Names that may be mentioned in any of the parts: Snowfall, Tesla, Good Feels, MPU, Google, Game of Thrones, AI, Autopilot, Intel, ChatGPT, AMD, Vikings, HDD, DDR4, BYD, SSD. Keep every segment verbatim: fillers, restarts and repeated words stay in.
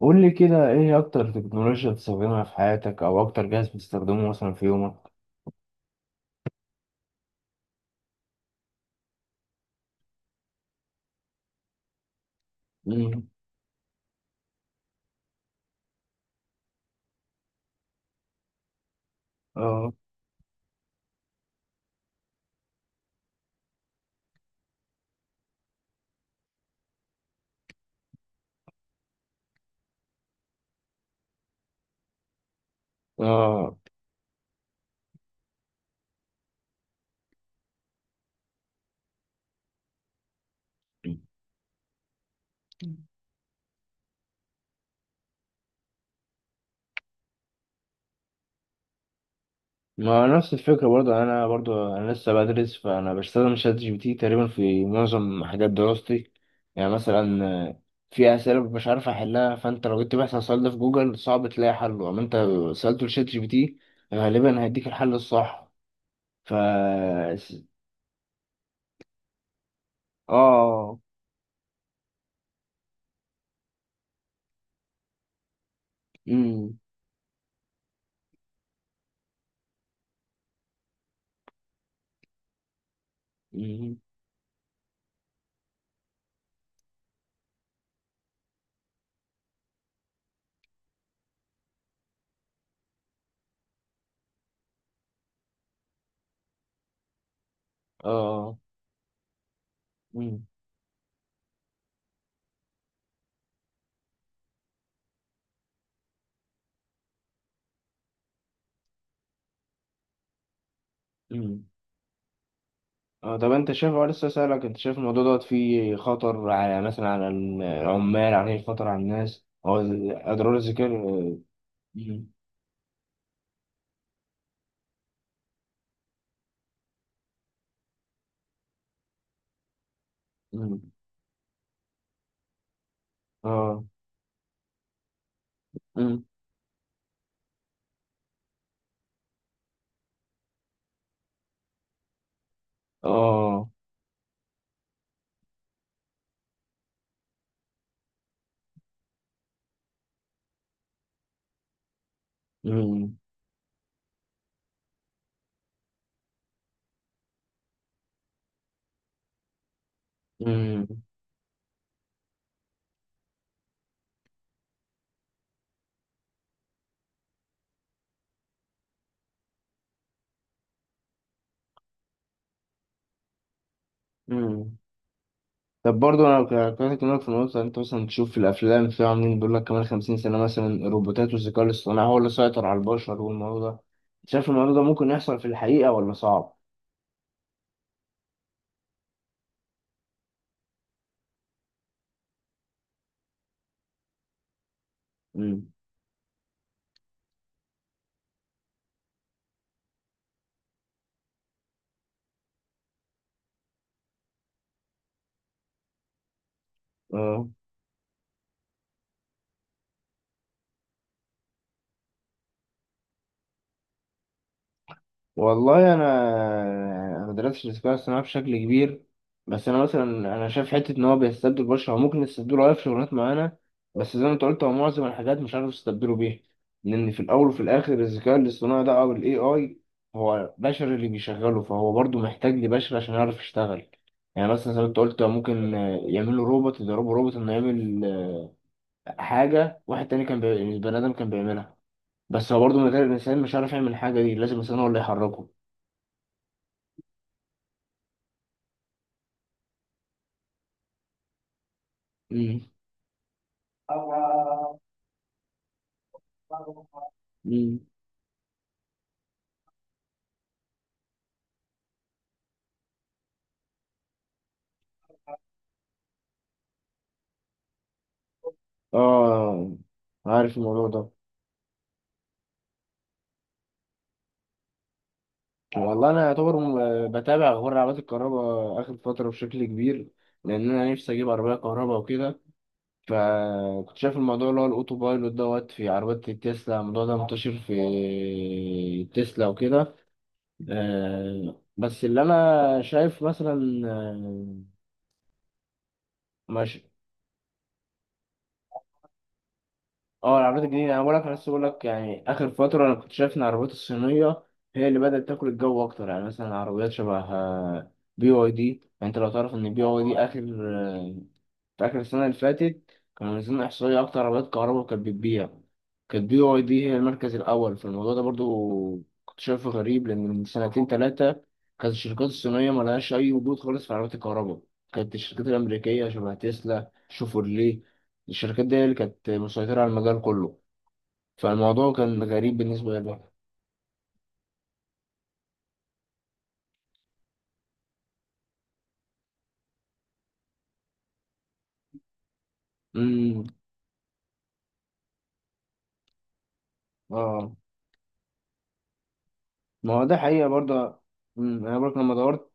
قول لي كده، ايه اكتر تكنولوجيا بتستخدمها في حياتك او اكتر جهاز بتستخدمه مثلا في يومك؟ مم. اه. اه. ما نفس الفكرة، برضو انا برضو انا لسه بدرس، فانا بستخدم شات جي بي تي تقريبا في معظم حاجات دراستي. يعني مثلا آه، في اسئلة مش عارف احلها، فانت لو جيت بحث عن السؤال ده في جوجل صعب تلاقي حله، اما انت سألته لشات جي بي تي غالبا هيديك الحل الصح. ف اه. امم. أمم. اه. أمم. أمم. اه، طب انت شايف، اه لسه سألك، انت شايف الموضوع دوت فيه خطر على، مثلا على العمال، عليه خطر على الناس، هو اضرار الذكاء؟ مم. مم. اه. مم. اه. مم. مم. مم. طب برضه انا ك- كنت اكلمك في النقطة، انت مثلا تشوف في الافلام في عاملين بيقول لك كمان خمسين سنة مثلا الروبوتات والذكاء الاصطناعي هو اللي سيطر على البشر والموضوع ده، شايف الموضوع ده ممكن يحصل في الحقيقة ولا صعب؟ مم. اه. والله انا انا ما درستش الذكاء الاصطناعي بشكل كبير. بس انا مثلا انا شايف حته ان هو بيستبدل البشر، هو ممكن يستبدله اه في شغلانات معينه، بس زي ما انت قلت هو معظم الحاجات مش عارف يستبدله بيها، لان في الاول وفي الاخر الذكاء الاصطناعي ده او الاي اي هو بشر اللي بيشغله، فهو برضه محتاج لبشر عشان يعرف يشتغل. يعني مثلا زي ما انت قلت هو ممكن يعملوا روبوت، يدربوا روبوت انه يعمل حاجه واحد تاني كان بي... بني ادم كان بيعملها، بس هو برضه من غير الانسان مش عارف يعمل الحاجه دي، لازم الانسان هو اللي يحركه. مم. مم. اه. عارف الموضوع ده. والله انا يعتبر م- بتابع اخبار عربيات الكهرباء اخر فتره بشكل كبير، لان انا نفسي اجيب عربيه كهرباء وكده. فكنت شايف الموضوع اللي هو الاوتو بايلوت دوت في عربيات التسلا، الموضوع ده منتشر في تسلا وكده. آه، بس اللي انا شايف مثلا آه، مش. اه، العربيات الجديدة انا بقولك، انا لسه بقولك، يعني اخر فترة انا كنت شايف ان العربيات الصينية هي اللي بدأت تاكل الجو اكتر. يعني مثلا عربيات شبه آه، بي واي دي. يعني انت لو تعرف ان بي واي دي اخر، في آخر السنة اللي فاتت كانوا منزلين إحصائية أكتر عربيات كهرباء كانت بتبيع، كانت بي واي دي هي المركز الأول. فالموضوع ده برضو كنت شايفه غريب، لأن من سنتين تلاتة كانت الشركات الصينية ملهاش أي وجود خالص في عربيات الكهرباء، كانت الشركات الأمريكية شبه تسلا شوفورليه، الشركات دي هي اللي كانت مسيطرة على المجال كله. فالموضوع كان غريب بالنسبة لي. أمم. آه. ما هو ده حقيقة برضه. أمم، أنا برضه لما دورت.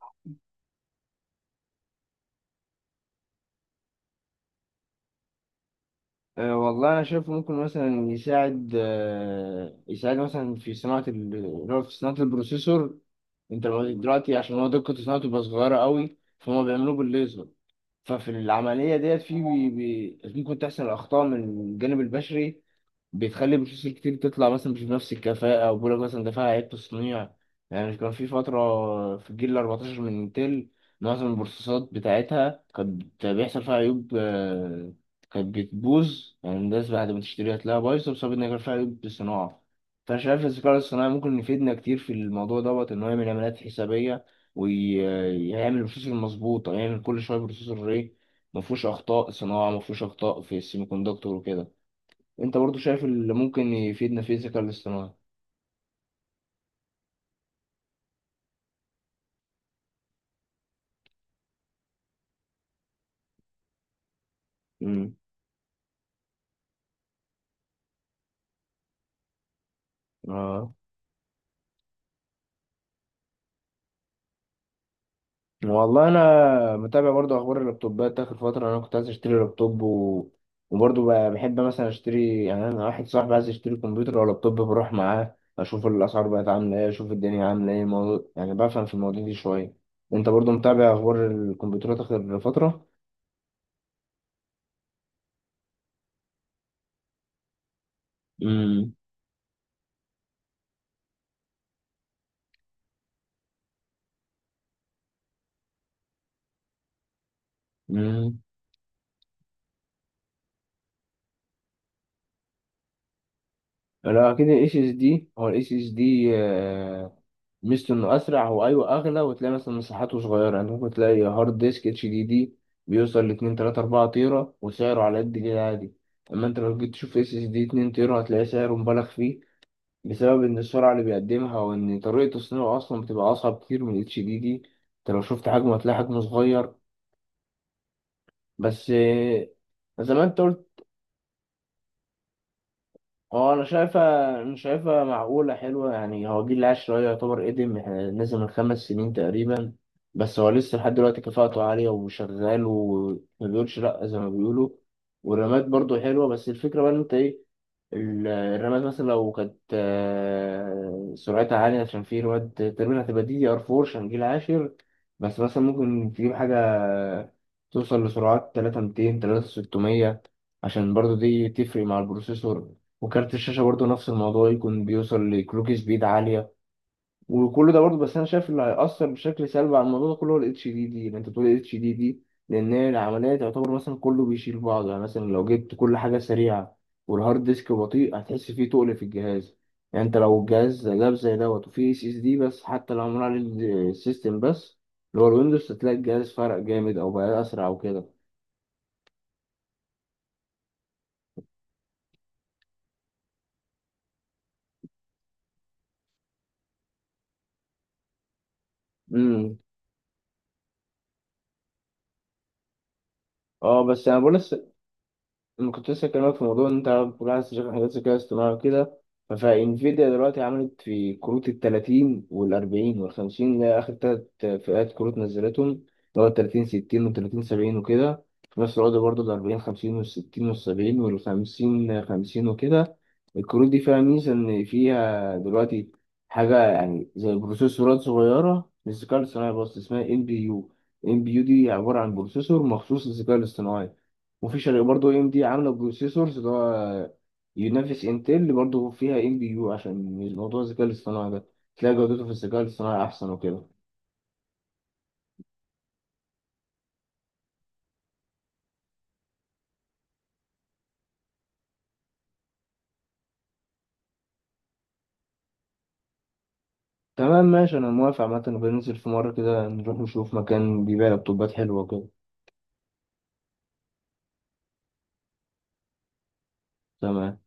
أه، والله أنا شايفه ممكن مثلا يساعد أه يساعد مثلا في صناعة ال- اللي هو في صناعة البروسيسور. أنت لو دلوقتي، عشان هو دقة صناعته تبقى صغيرة قوي، فهم بيعملوه بالليزر. ففي العملية ديت في بي بي ممكن تحصل أخطاء من الجانب البشري، بتخلي بروسيسور كتير تطلع مثلا مش بنفس الكفاءة، أو بيقول لك مثلا ده فيها عيب تصنيع. يعني كان في فترة، في الجيل الأربعتاشر من انتل معظم البروسيسات بتاعتها كانت بيحصل فيها عيوب، آه، كانت بتبوظ، يعني الناس بعد ما تشتريها تلاقيها بايظة بسبب إن كان فيها عيوب صناعة. فأنا شايف الذكاء الاصطناعي ممكن يفيدنا كتير في الموضوع دوت، إن هو يعمل عمليات حسابية، ويعمل بروسيسور مظبوط، أو يعمل كل شوية بروسيسور إيه مفهوش أخطاء صناعة، مفهوش أخطاء في السيمي كوندكتور وكده. انت برضو شايف اللي ممكن يفيدنا في الذكاء الاصطناعي؟ امم. اه، والله انا متابع برضو اخبار اللابتوبات اخر فتره. انا كنت عايز اشتري لابتوب و... وبرضو ب- بحب مثلا اشتري، يعني انا واحد صاحبي عايز يشتري كمبيوتر او لابتوب بروح معاه اشوف الاسعار بقت عامله ايه، اشوف الدنيا عامله ايه، موضوع، يعني بفهم في المواضيع دي شويه. انت برضو متابع اخبار الكمبيوترات اخر فتره؟ امم. امم. لا، اكيد الاس اس دي، هو الاس اس دي ميزته انه اسرع، هو ايوه اغلى وتلاقي مثلا مساحاته صغيره. يعني ممكن تلاقي هارد ديسك اتش دي دي بيوصل ل اتنين تلاته اربعه تيرا وسعره على قد كده عادي، اما انت لو جيت تشوف اس اس دي اتنين تيرا هتلاقي سعره مبالغ فيه، بسبب ان السرعه اللي بيقدمها وان طريقه تصنيعه اصلا بتبقى اصعب كتير من الاتش دي دي. انت لو شفت حجمه هتلاقي حجمه صغير بس آه، زي ما انت قلت، اه انا شايفها انا شايفها معقوله حلوه، يعني هو جيل العيال شويه يعتبر قدم، يعني نزل من خمس سنين تقريبا. بس هو لسه لحد دلوقتي كفاءته عاليه وشغال وما بيقولش لا زي ما بيقولوا. والرمات برضو حلوه، بس الفكره بقى ان انت ايه ال- الرمات، مثلا لو كانت آه، سرعتها عاليه، عشان في رمات تقريبا هتبقى دي دي ار أربعة عشان جيل عاشر. بس مثلا ممكن تجيب حاجه توصل لسرعات تلاتة الاف ومئتين تلاتة الاف وستمية، عشان برضو دي تفرق مع البروسيسور. وكارت الشاشة برضو نفس الموضوع، يكون بيوصل لكلوك سبيد عالية. وكل ده برضو، بس أنا شايف اللي هيأثر بشكل سلبي على الموضوع ده كله هو ال اتش دي دي، اللي أنت بتقول ال H D D، لأن هي العملية تعتبر مثلا كله بيشيل بعضه، يعني مثلا لو جبت كل حاجة سريعة والهارد ديسك بطيء هتحس فيه تقل في الجهاز. يعني أنت لو الجهاز جاب زي دوت وفيه اس اس دي، بس حتى لو معمول عليه السيستم بس، اللي هو الويندوز، هتلاقي الجهاز فرق جامد، أو بقى أسرع وكده. امم. اه، بس انا بقول، انا كنت لسه بكلمك في موضوع ان انت كلها عايز تشغل حاجات ذكاء اصطناعي وكده. فانفيديا دلوقتي عملت في كروت ال ثلاثين وال أربعين وال خمسين، اللي هي اخر تلات فئات كروت نزلتهم، اللي هو ال تلاتين ستين وال تلاتين سبعين وكده. في نفس الوقت برضه ال اربعين خمسين وال ستين وال سبعين وال خمسين خمسين وكده. الكروت دي فيها ميزه ان فيها دلوقتي حاجه يعني زي بروسيسورات صغيره للذكاء الاصطناعي، بس اسمها ام بي يو. ام بي يو دي عباره عن بروسيسور مخصوص للذكاء الاصطناعي. وفي شركة برضه ام دي عاملة بروسيسورز اللي هو ينافس انتل، اللي برضه فيها ام بي يو عشان موضوع الذكاء الاصطناعي ده، تلاقي جودته في الذكاء الاصطناعي أحسن وكده. تمام ماشي، أنا موافق عامة نبقى ننزل في مرة كده نروح نشوف مكان بيبيع لابتوبات حلوة وكده. تمام.